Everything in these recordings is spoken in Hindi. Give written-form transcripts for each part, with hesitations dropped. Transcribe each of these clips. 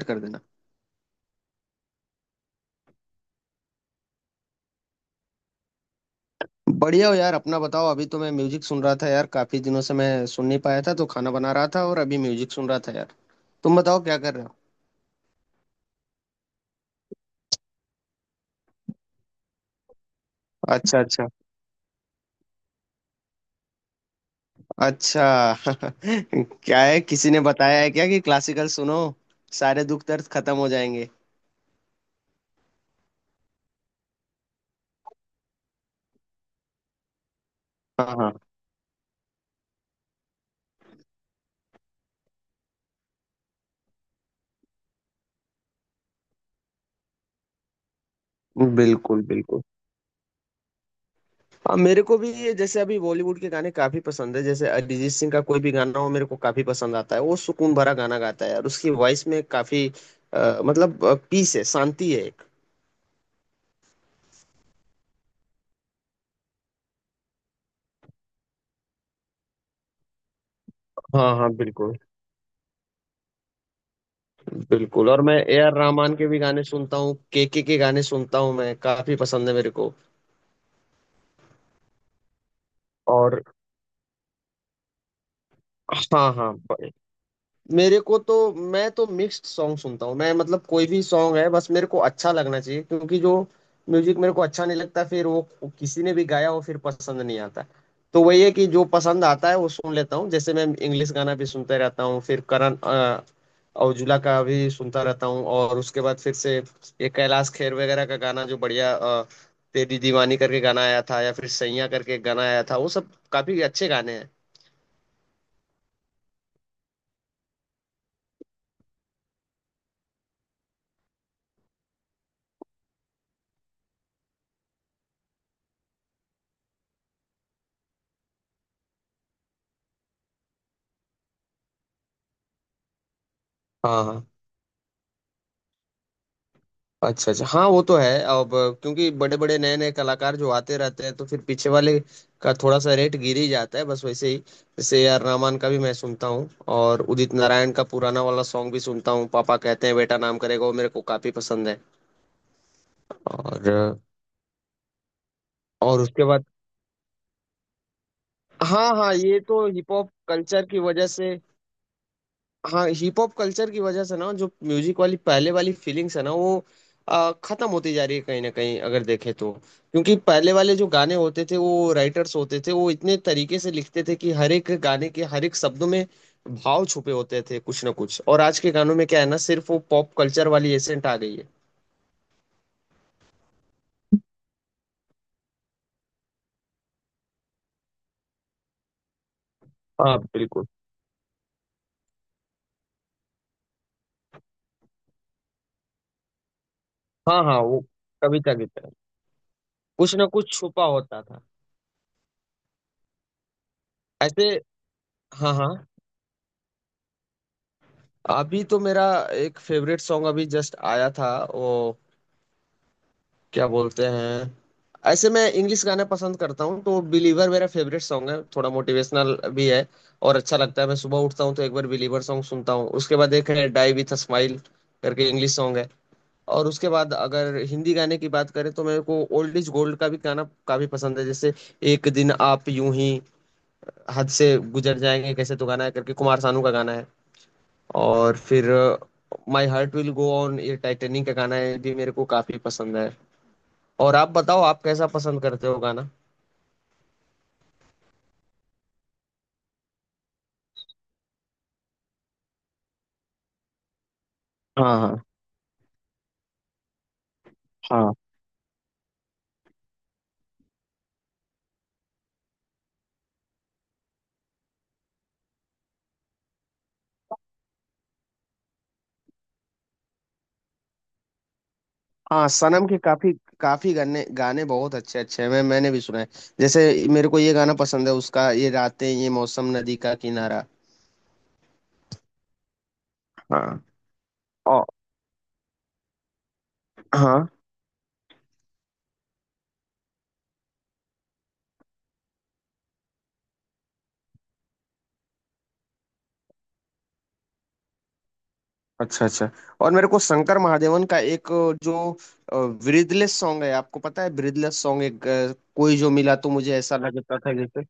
start कर देना। बढ़िया हो यार, अपना बताओ। अभी तो मैं म्यूजिक सुन रहा था यार, काफी दिनों से मैं सुन नहीं पाया था तो खाना बना रहा था और अभी म्यूजिक सुन रहा था यार। तुम बताओ क्या कर रहे हो? अच्छा अच्छा अच्छा। क्या है, किसी ने बताया है क्या कि क्लासिकल सुनो, सारे दुख दर्द खत्म हो जाएंगे? हाँ हाँ, बिल्कुल बिल्कुल। हाँ, मेरे को भी ये जैसे अभी बॉलीवुड के गाने काफी पसंद है, जैसे अरिजीत सिंह का कोई भी गाना हो मेरे को काफी पसंद आता है। वो सुकून भरा गाना गाता है और उसकी वॉइस में काफी मतलब पीस है, शांति है एक। हाँ हाँ बिल्कुल बिल्कुल। और मैं ए आर रहमान के भी गाने सुनता हूँ, के गाने सुनता हूँ, मैं। काफी पसंद है मेरे को। और हाँ हाँ, मेरे को तो, मैं तो मिक्स्ड सॉन्ग सुनता हूँ मैं। मतलब कोई भी सॉन्ग है, बस मेरे को अच्छा लगना चाहिए, क्योंकि जो म्यूजिक मेरे को अच्छा नहीं लगता फिर वो किसी ने भी गाया हो फिर पसंद नहीं आता। तो वही है कि जो पसंद आता है वो सुन लेता हूँ। जैसे मैं इंग्लिश गाना भी सुनते रहता हूँ, फिर करण औजुला का भी सुनता रहता हूँ। और उसके बाद फिर से ये कैलाश खेर वगैरह का गाना, जो बढ़िया तेरी दीवानी करके गाना आया था, या फिर सैया करके एक गाना आया था, वो सब काफी अच्छे गाने हैं। हाँ हाँ अच्छा अच्छा। हाँ वो तो है अब, क्योंकि बड़े बड़े नए नए कलाकार जो आते रहते हैं तो फिर पीछे वाले का थोड़ा सा रेट गिर ही जाता है। बस वैसे ही, जैसे ए आर रहमान का भी मैं सुनता हूँ और उदित नारायण का पुराना वाला सॉन्ग भी सुनता हूँ, पापा कहते हैं बेटा नाम करेगा, वो मेरे को काफी पसंद है। और और उसके बाद, हाँ हाँ, ये तो हिप हॉप कल्चर की वजह से। हाँ हिप हॉप कल्चर की वजह से ना, जो म्यूजिक वाली पहले वाली फीलिंग्स है ना वो खत्म होती जा रही है, कहीं ना कहीं अगर देखें तो। क्योंकि पहले वाले जो गाने होते थे वो राइटर्स होते थे, वो इतने तरीके से लिखते थे कि हर एक गाने के हर एक शब्दों में भाव छुपे होते थे, कुछ ना कुछ। और आज के गानों में क्या है ना, सिर्फ वो पॉप कल्चर वाली एसेंट आ गई है। हाँ बिल्कुल। हाँ हाँ, वो कविता की तरह, कुछ ना कुछ छुपा होता था, ऐसे। हाँ हाँ। अभी तो मेरा एक फेवरेट सॉन्ग अभी जस्ट आया था, वो क्या बोलते हैं, ऐसे मैं इंग्लिश गाने पसंद करता हूँ तो बिलीवर मेरा फेवरेट सॉन्ग है, थोड़ा मोटिवेशनल भी है और अच्छा लगता है। मैं सुबह उठता हूँ तो एक बार बिलीवर सॉन्ग सुनता हूँ। उसके बाद एक है डाई विथ अ स्माइल करके इंग्लिश सॉन्ग है। और उसके बाद अगर हिंदी गाने की बात करें तो मेरे को ओल्ड इज गोल्ड का भी गाना काफी पसंद है, जैसे एक दिन आप यूं ही हद से गुजर जाएंगे कैसे, तो गाना है करके, कुमार सानू का गाना है। और फिर my heart will go on, ये टाइटेनिक का गाना है, भी मेरे को काफी पसंद है। और आप बताओ, आप कैसा पसंद करते हो गाना? हाँ हाँ हाँ हाँ, सनम के काफी काफी गाने, गाने बहुत अच्छे अच्छे हैं। मैंने भी सुना है। जैसे मेरे को ये गाना पसंद है उसका, ये रातें ये मौसम नदी का किनारा। हाँ, और, हाँ अच्छा अच्छा। और मेरे को शंकर महादेवन का एक जो ब्रीदलेस सॉन्ग है, आपको पता है ब्रीदलेस सॉन्ग, एक कोई जो मिला, तो मुझे ऐसा लगता था,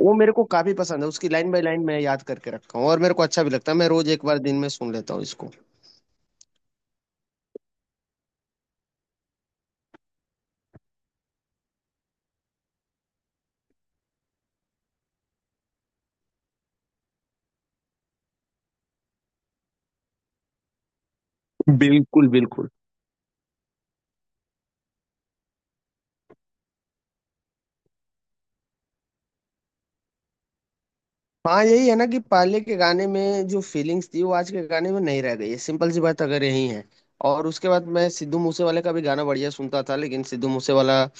वो मेरे को काफी पसंद है। उसकी लाइन बाय लाइन मैं याद करके रखा हूँ और मेरे को अच्छा भी लगता है। मैं रोज एक बार दिन में सुन लेता हूँ इसको। बिल्कुल बिल्कुल। हाँ यही है ना, कि पहले के गाने में जो फीलिंग्स थी वो आज के गाने में नहीं रह गई है, सिंपल सी बात अगर यही है। और उसके बाद मैं सिद्धू मूसेवाले का भी गाना बढ़िया सुनता था, लेकिन सिद्धू मूसेवाला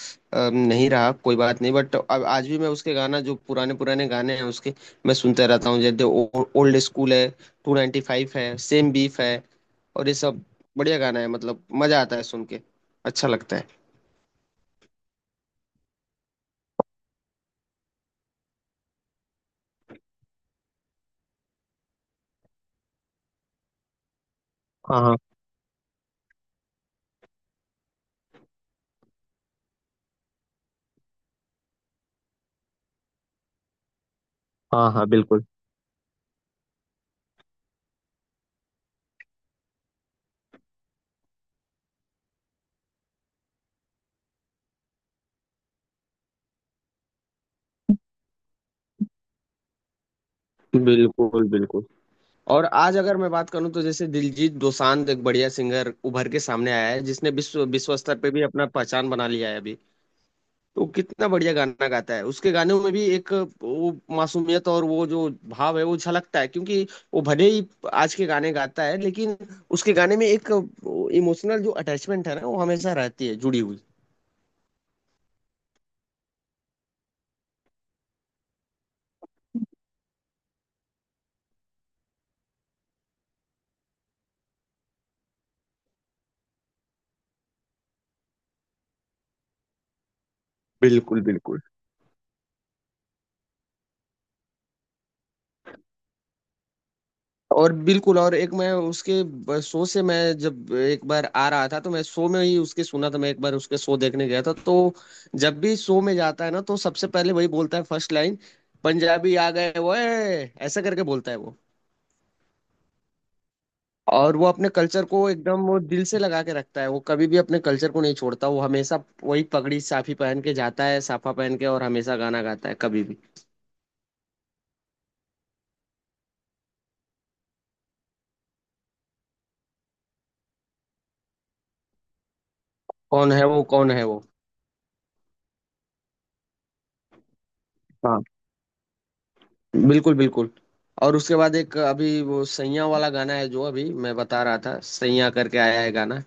नहीं रहा, कोई बात नहीं, बट अब आज भी मैं उसके गाना, जो पुराने पुराने गाने हैं उसके, मैं सुनते रहता हूँ। जैसे ओल्ड स्कूल है, 295 है, सेम बीफ है, और ये सब बढ़िया गाना है। मतलब मजा आता है सुन के, अच्छा लगता है। हाँ हाँ हाँ हाँ बिल्कुल बिल्कुल बिल्कुल। और आज अगर मैं बात करूं तो, जैसे दिलजीत दोसांझ, एक बढ़िया सिंगर उभर के सामने आया है, जिसने विश्व विश्व स्तर पे भी अपना पहचान बना लिया है अभी। तो वो कितना बढ़िया गाना गाता है। उसके गानों में भी एक, वो मासूमियत और वो जो भाव है वो झलकता है, क्योंकि वो भले ही आज के गाने गाता है लेकिन उसके गाने में एक इमोशनल जो अटैचमेंट है ना, वो हमेशा रहती है जुड़ी हुई। बिल्कुल बिल्कुल। और बिल्कुल। और एक, मैं उसके शो से, मैं जब एक बार आ रहा था, तो मैं शो में ही उसके सुना था। मैं एक बार उसके शो देखने गया था, तो जब भी शो में जाता है ना तो सबसे पहले वही बोलता है फर्स्ट लाइन, पंजाबी आ गए, वो ऐसा करके बोलता है वो। और वो अपने कल्चर को एकदम, वो दिल से लगा के रखता है। वो कभी भी अपने कल्चर को नहीं छोड़ता। वो हमेशा वही पगड़ी साफी पहन के जाता है, साफा पहन के, और हमेशा गाना गाता है कभी भी। कौन है वो, कौन है वो? बिल्कुल बिल्कुल। और उसके बाद एक अभी वो सैया वाला गाना है जो अभी मैं बता रहा था, सैया करके आया है गाना।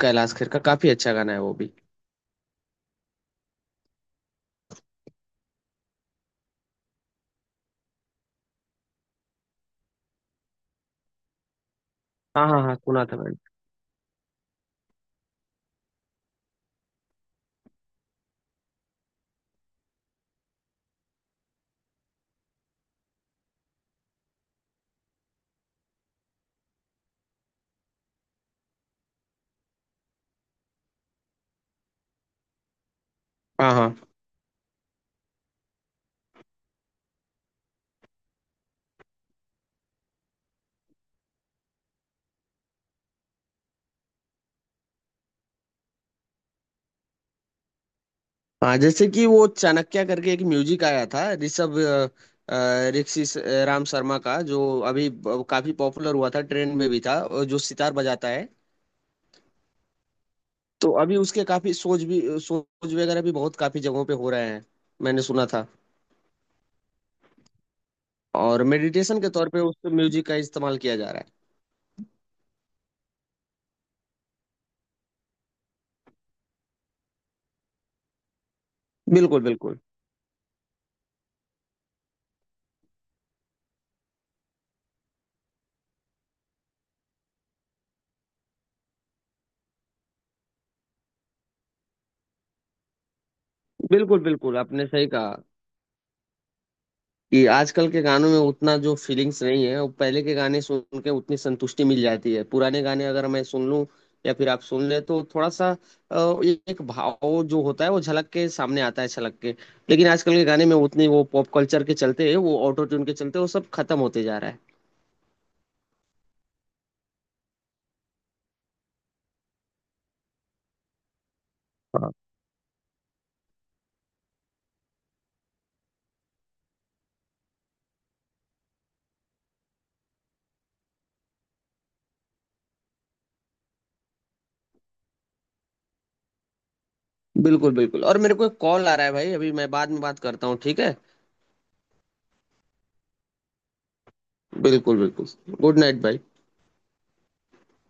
कैलाश खेर का काफी अच्छा गाना है वो भी। हाँ हाँ हाँ सुना था मैंने। हाँ हाँ। हाँ, जैसे कि वो चाणक्य करके एक म्यूजिक आया था, ऋषभ ऋषि राम शर्मा का, जो अभी काफी पॉपुलर हुआ था, ट्रेंड में भी था, और जो सितार बजाता है। तो अभी उसके काफी सोच भी, सोच वगैरह भी बहुत काफी जगहों पे हो रहे हैं, मैंने सुना था। और मेडिटेशन के तौर पे उस म्यूजिक का इस्तेमाल किया जा रहा है। बिल्कुल बिल्कुल। बिल्कुल बिल्कुल, आपने सही कहा, कि आजकल के गानों में उतना जो फीलिंग्स नहीं है, वो पहले के गाने सुन के उतनी संतुष्टि मिल जाती है। पुराने गाने अगर मैं सुन लूं या फिर आप सुन ले, तो थोड़ा सा एक भाव जो होता है वो झलक के सामने आता है, छलक के। लेकिन आजकल के गाने में उतनी, वो पॉप कल्चर के चलते, वो ऑटो ट्यून के चलते, वो सब खत्म होते जा रहा है। हाँ बिल्कुल बिल्कुल। और मेरे को एक कॉल आ रहा है भाई, अभी मैं बाद में बात करता हूँ, ठीक है? बिल्कुल बिल्कुल। गुड नाइट भाई।